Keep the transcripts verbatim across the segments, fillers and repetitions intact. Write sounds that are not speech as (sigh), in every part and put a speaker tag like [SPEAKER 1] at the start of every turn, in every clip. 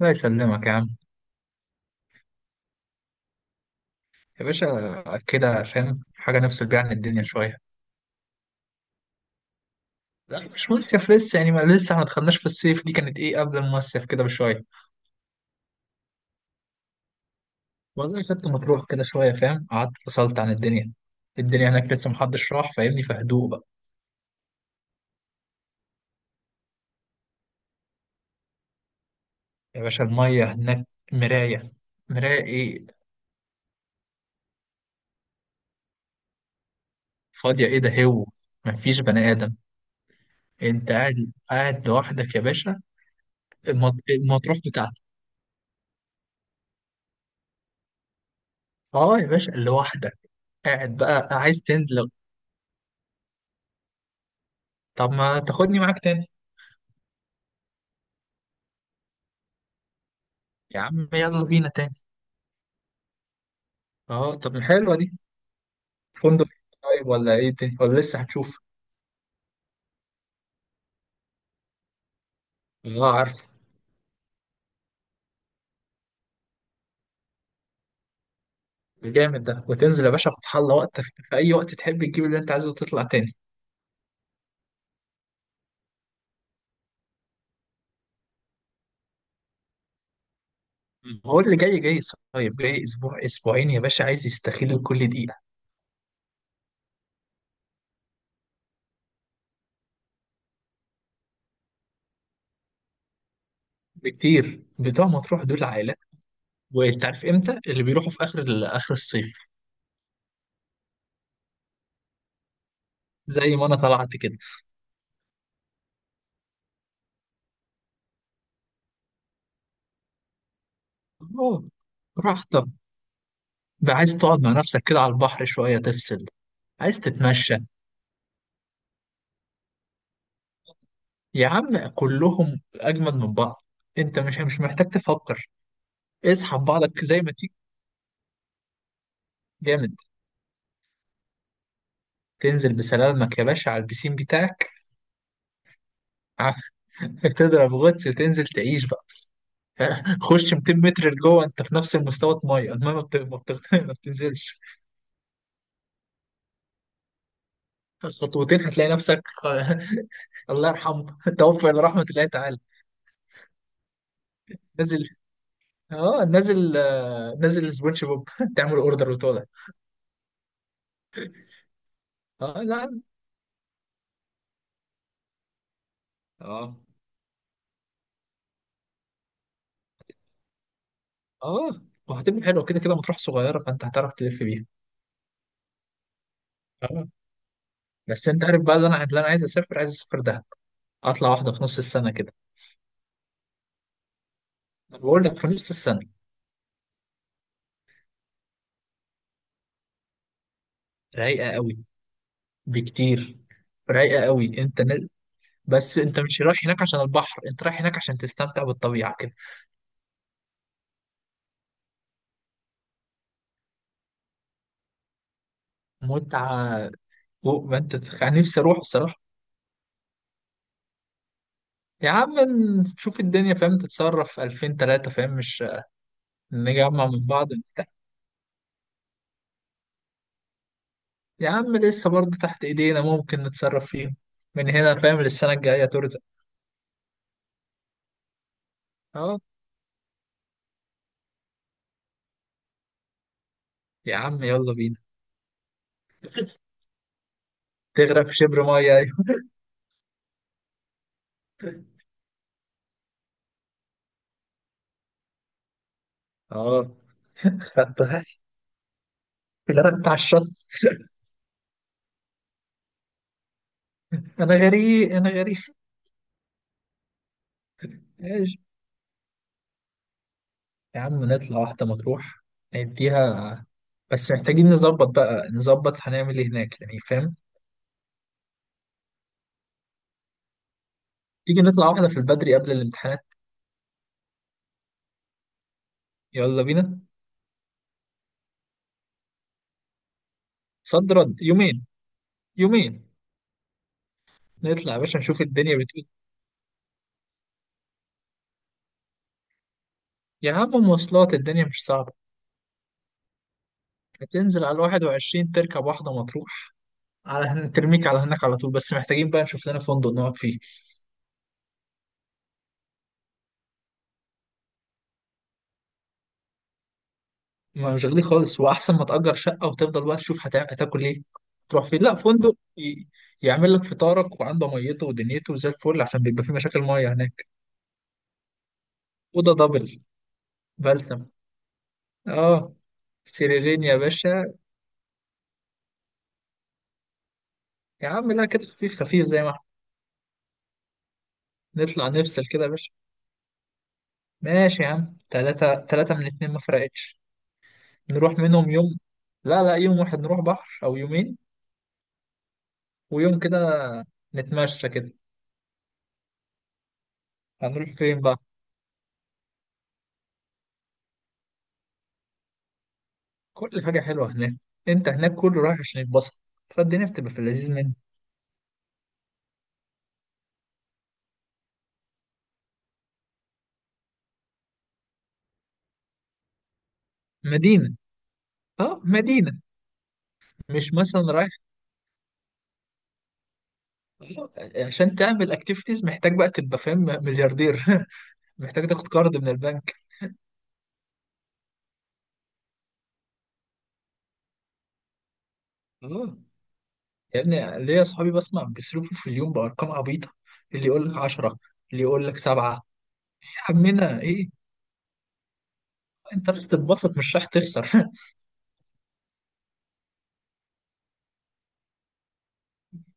[SPEAKER 1] الله يسلمك يا عم. يا باشا كده فاهم، حاجة نفصل بيها عن الدنيا شوية. لا مش مصيف لسه، يعني ما لسه ما دخلناش في الصيف، دي كانت ايه قبل المصيف كده بشوية. والله خدت مطروح كده شوية فاهم، قعدت فصلت عن الدنيا. الدنيا هناك لسه محدش راح فاهمني، في هدوء بقى. يا باشا المية هناك مراية. مراية ايه. فاضية ايه ده هو؟ مفيش بني آدم. انت قاعد قاعد لوحدك يا باشا. المط- المطروح بتاعتك. اه يا باشا لوحدك. قاعد بقى عايز تنزل. طب ما تاخدني معاك تاني. يا عم يلا بينا تاني. اه طب حلوه دي. فندق. طيب ولا ايه تاني ولا لسه هتشوف. اه عارف. الجامد ده وتنزل يا باشا فتح الله، وقتك في في اي وقت تحب تجيب اللي انت عايزه وتطلع تاني. هو اللي جاي جاي. صايب، جاي اسبوع اسبوعين يا باشا عايز يستغل كل دقيقه. بكتير، بتوع مطروح دول عائلات. وانت عارف امتى اللي بيروحوا، في اخر ال- اخر الصيف. زي ما انا طلعت كده. اه راحتك. بقى عايز تقعد مع نفسك كده على البحر شويه تفصل. عايز تتمشى. يا عم كلهم اجمد من بعض. انت مش مش محتاج تفكر. اسحب بعضك زي ما تيجي. جامد. تنزل بسلامك يا باشا على البسين بتاعك. (laughs) تضرب غطس وتنزل تعيش بقى. (laughs) خش ميتين متر لجوه، انت في نفس المستوى. الميه الميه ما بت- ما بت- (laughs) ما بتنزلش. خطوتين هتلاقي نفسك. (laughs) الله يرحمه. (laughs) توفى الى رحمه الله تعالى. نازل. اه نازل، آه، نازل سبونج بوب. (laughs) تعمل اوردر وتقعد. اه لا. اه. اه وهتبقى حلوه، كده كده مطروح صغيره فانت هتعرف تلف بيها. اه بس انت عارف بقى، اللي انا اللي انا عايز اسافر، عايز اسافر دهب. اطلع واحده في نص السنه كده. انا بقول لك في نص السنه. رايقه قوي بكتير. رايقه قوي. انت نل... بس انت مش رايح هناك عشان البحر، انت رايح هناك عشان تستمتع بالطبيعه كده. متعه. فوق ما انت تتخ- أنا نفسي اروح الصراحه. يا عم نشوف الدنيا فاهم، تتصرف الفين تلاتة فاهم، مش نجمع من بعض. يا عم لسه برضه تحت ايدينا ممكن نتصرف فيهم. من هنا فاهم للسنة الجاية ترزق. اه يا عم يلا بينا. تغرق في شبر مية ايوه. اه خدت غرق- غرقت على الشط. انا غريق انا غريق. ماشي. يا عم نطلع واحدة مطروح. نديها. بس محتاجين نظبط بقى، نظبط هنعمل ايه هناك يعني فاهم. تيجي نطلع واحدة في البدري قبل الامتحانات. يلا بينا. صد رد يومين. يومين. نطلع يا باشا نشوف الدنيا بتقول. يا عم مواصلات الدنيا مش صعبة. هتنزل على الواحد والعشرين تركب واحدة مطروح. على هن- ترميك على هناك على طول، بس محتاجين بقى نشوف لنا فندق نقعد فيه. ما مش غالي خالص، واحسن ما تأجر شقة وتفضل بقى تشوف هتع- هتاكل ايه، تروح فين. لا فندق ي- يعمل لك فطارك وعنده ميته ودنيته زي الفل، عشان بيبقى في مشاكل ميه هناك. اوضه دبل. بلسم. اه سريرين يا باشا. يا عم لا كده خفيف خفيف زي ما احنا. نطلع نفصل كده يا باشا. ماشي يا عم، تلاتة تلاتة من اتنين ما فرقتش. نروح منهم يوم. لا لا يوم واحد نروح بحر او يومين. ويوم كده نتمشى كده. هنروح فين بقى؟ كل حاجة حلوة هناك. انت هناك كله رايح عشان يتبسط. فالدنيا بتبقى في اللذيذ منه. مدينة. اه مدينة. مش مثلا رايح آه، عشان تعمل اكتيفيتيز، محتاج بقى تبقى فاهم ملياردير. (laughs) محتاج تاخد قرض من البنك. اه يا ابني، ليا اصحابي بسمع بيصرفوا في اليوم بارقام عبيطة. اللي يقول لك عشرة. اللي يقول لك سبعة. يا عمنا ايه. انت رايح تتبسط مش رايح تخسر. (laughs)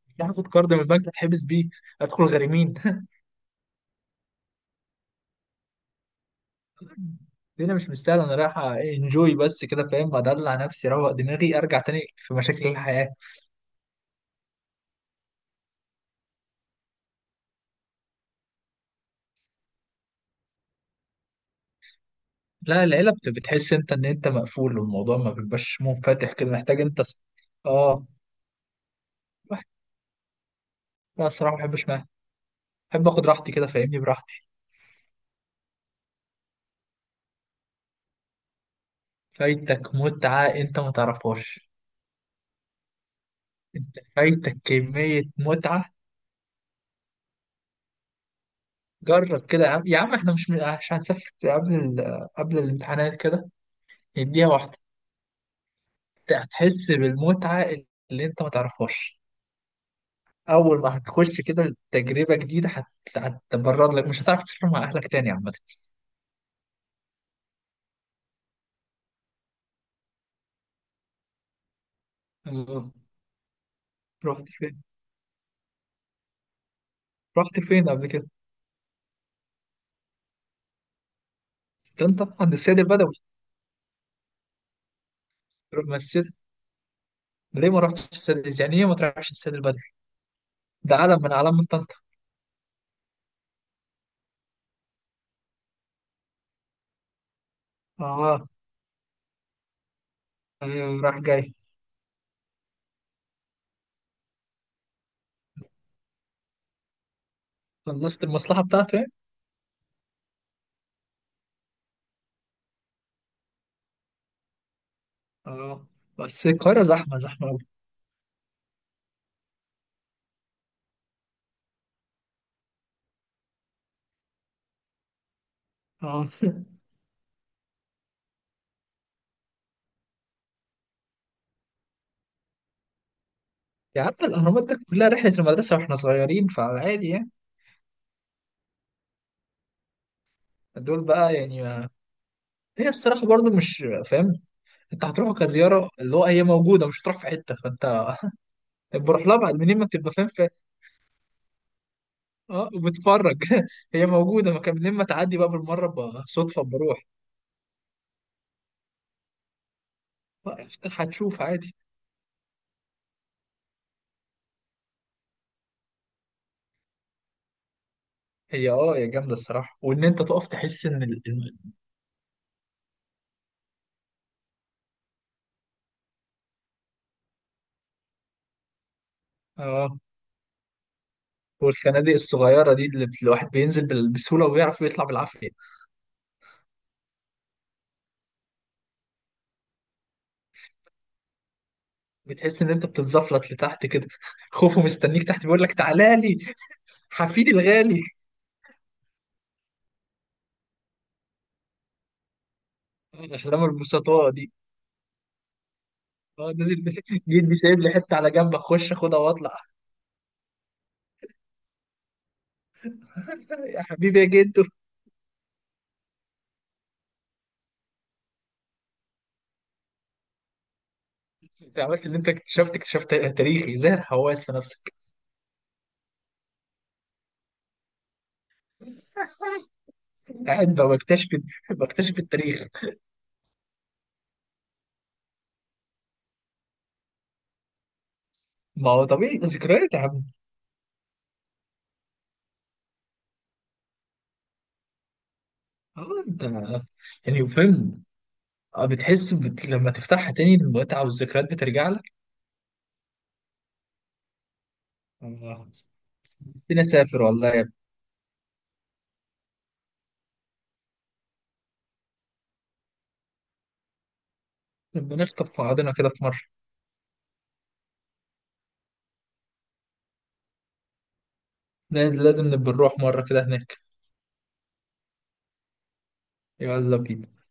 [SPEAKER 1] مش رايح تاخد قرض من البنك تتحبس بيه. هتدخل غريمين. الدنيا مش مستاهله، انا رايح انجوي بس كده فاهم، ادلع نفسي، اروق دماغي، ارجع تاني في مشاكل الحياه. لا العيله بت- بتحس انت ان انت مقفول، والموضوع ما بيبقاش منفتح كده، محتاج انت ص- اه واحد- لا الصراحه ما بحبش معاها. بحب اخد راحتي كده فاهمني، براحتي. فايتك متعه انت ما تعرفهاش. انت فايتك كميه متعه. جرب كده يا عم، يا عم احنا مش مش هنسافر قبل ال... قبل الامتحانات كده. نديها واحده. هتحس بالمتعه اللي انت ما تعرفهاش. اول ما هتخش كده تجربه جديده، هت- هتبرر لك مش هتعرف تسافر مع اهلك تاني عامه. اه رحت فين. رحت فين قبل كده. ده انت عند السيد البدوي. ما السيد. ليه ما رحتش السيد، يعني ايه ما تروحش السيد البدوي. ده علم من اعلام طنطا. اه ايوه راح جاي. خلصت المصلحه بتاعته يعني. اه بس القاهره زحمه زحمه قوي. اه يا عم الاهرامات ده كلها رحله المدرسه واحنا صغيرين، فعلى عادي يعني. دول بقى يعني ما... هي الصراحه برضو مش فاهم. انت هتروحه كزياره، اللي هو هي موجوده مش هتروح في حته، فانت بروح لها بعد منين ما بتبقى فاهم في. اه وبتفرج. (laughs) هي موجوده ما كان، منين ما تعدي بقى بالمره ب- صدفه بروح. اه، افتح هتشوف عادي. هي اه هي جامده الصراحه، وان انت تقف تحس ان ال... ال- اه. والخنادق الصغيره دي اللي الواحد بينزل بال- بسهوله ويعرف يطلع بالعافيه. بتحس ان انت بتتزفلط لتحت كده. (laughs) خوفه مستنيك تحت بيقول لك تعالى لي حفيدي الغالي. (laughs) احلام البسطاء. اه نازل. (laughs) جدي سايب لي حته على جنب اخش اخدها واطلع. (laughs) يا حبيبي يا جدو. انت عملت اللي انت اكتشفت اكتشفت تاريخي زي الحواس في نفسك. (laughs) قاعد بكتشف بكتشف التاريخ. ما هو طبيعي ذكريات يا عم. اه انت يعني فاهم. اه بتحس بت... لما تفتحها تاني المتعه والذكريات بترجع لك. اه. نفسي اسافر والله يا ابني. نبقى نخطف في بعضنا كده في مره. لازم لازم نبقى نروح مره كده هناك. يلا بينا.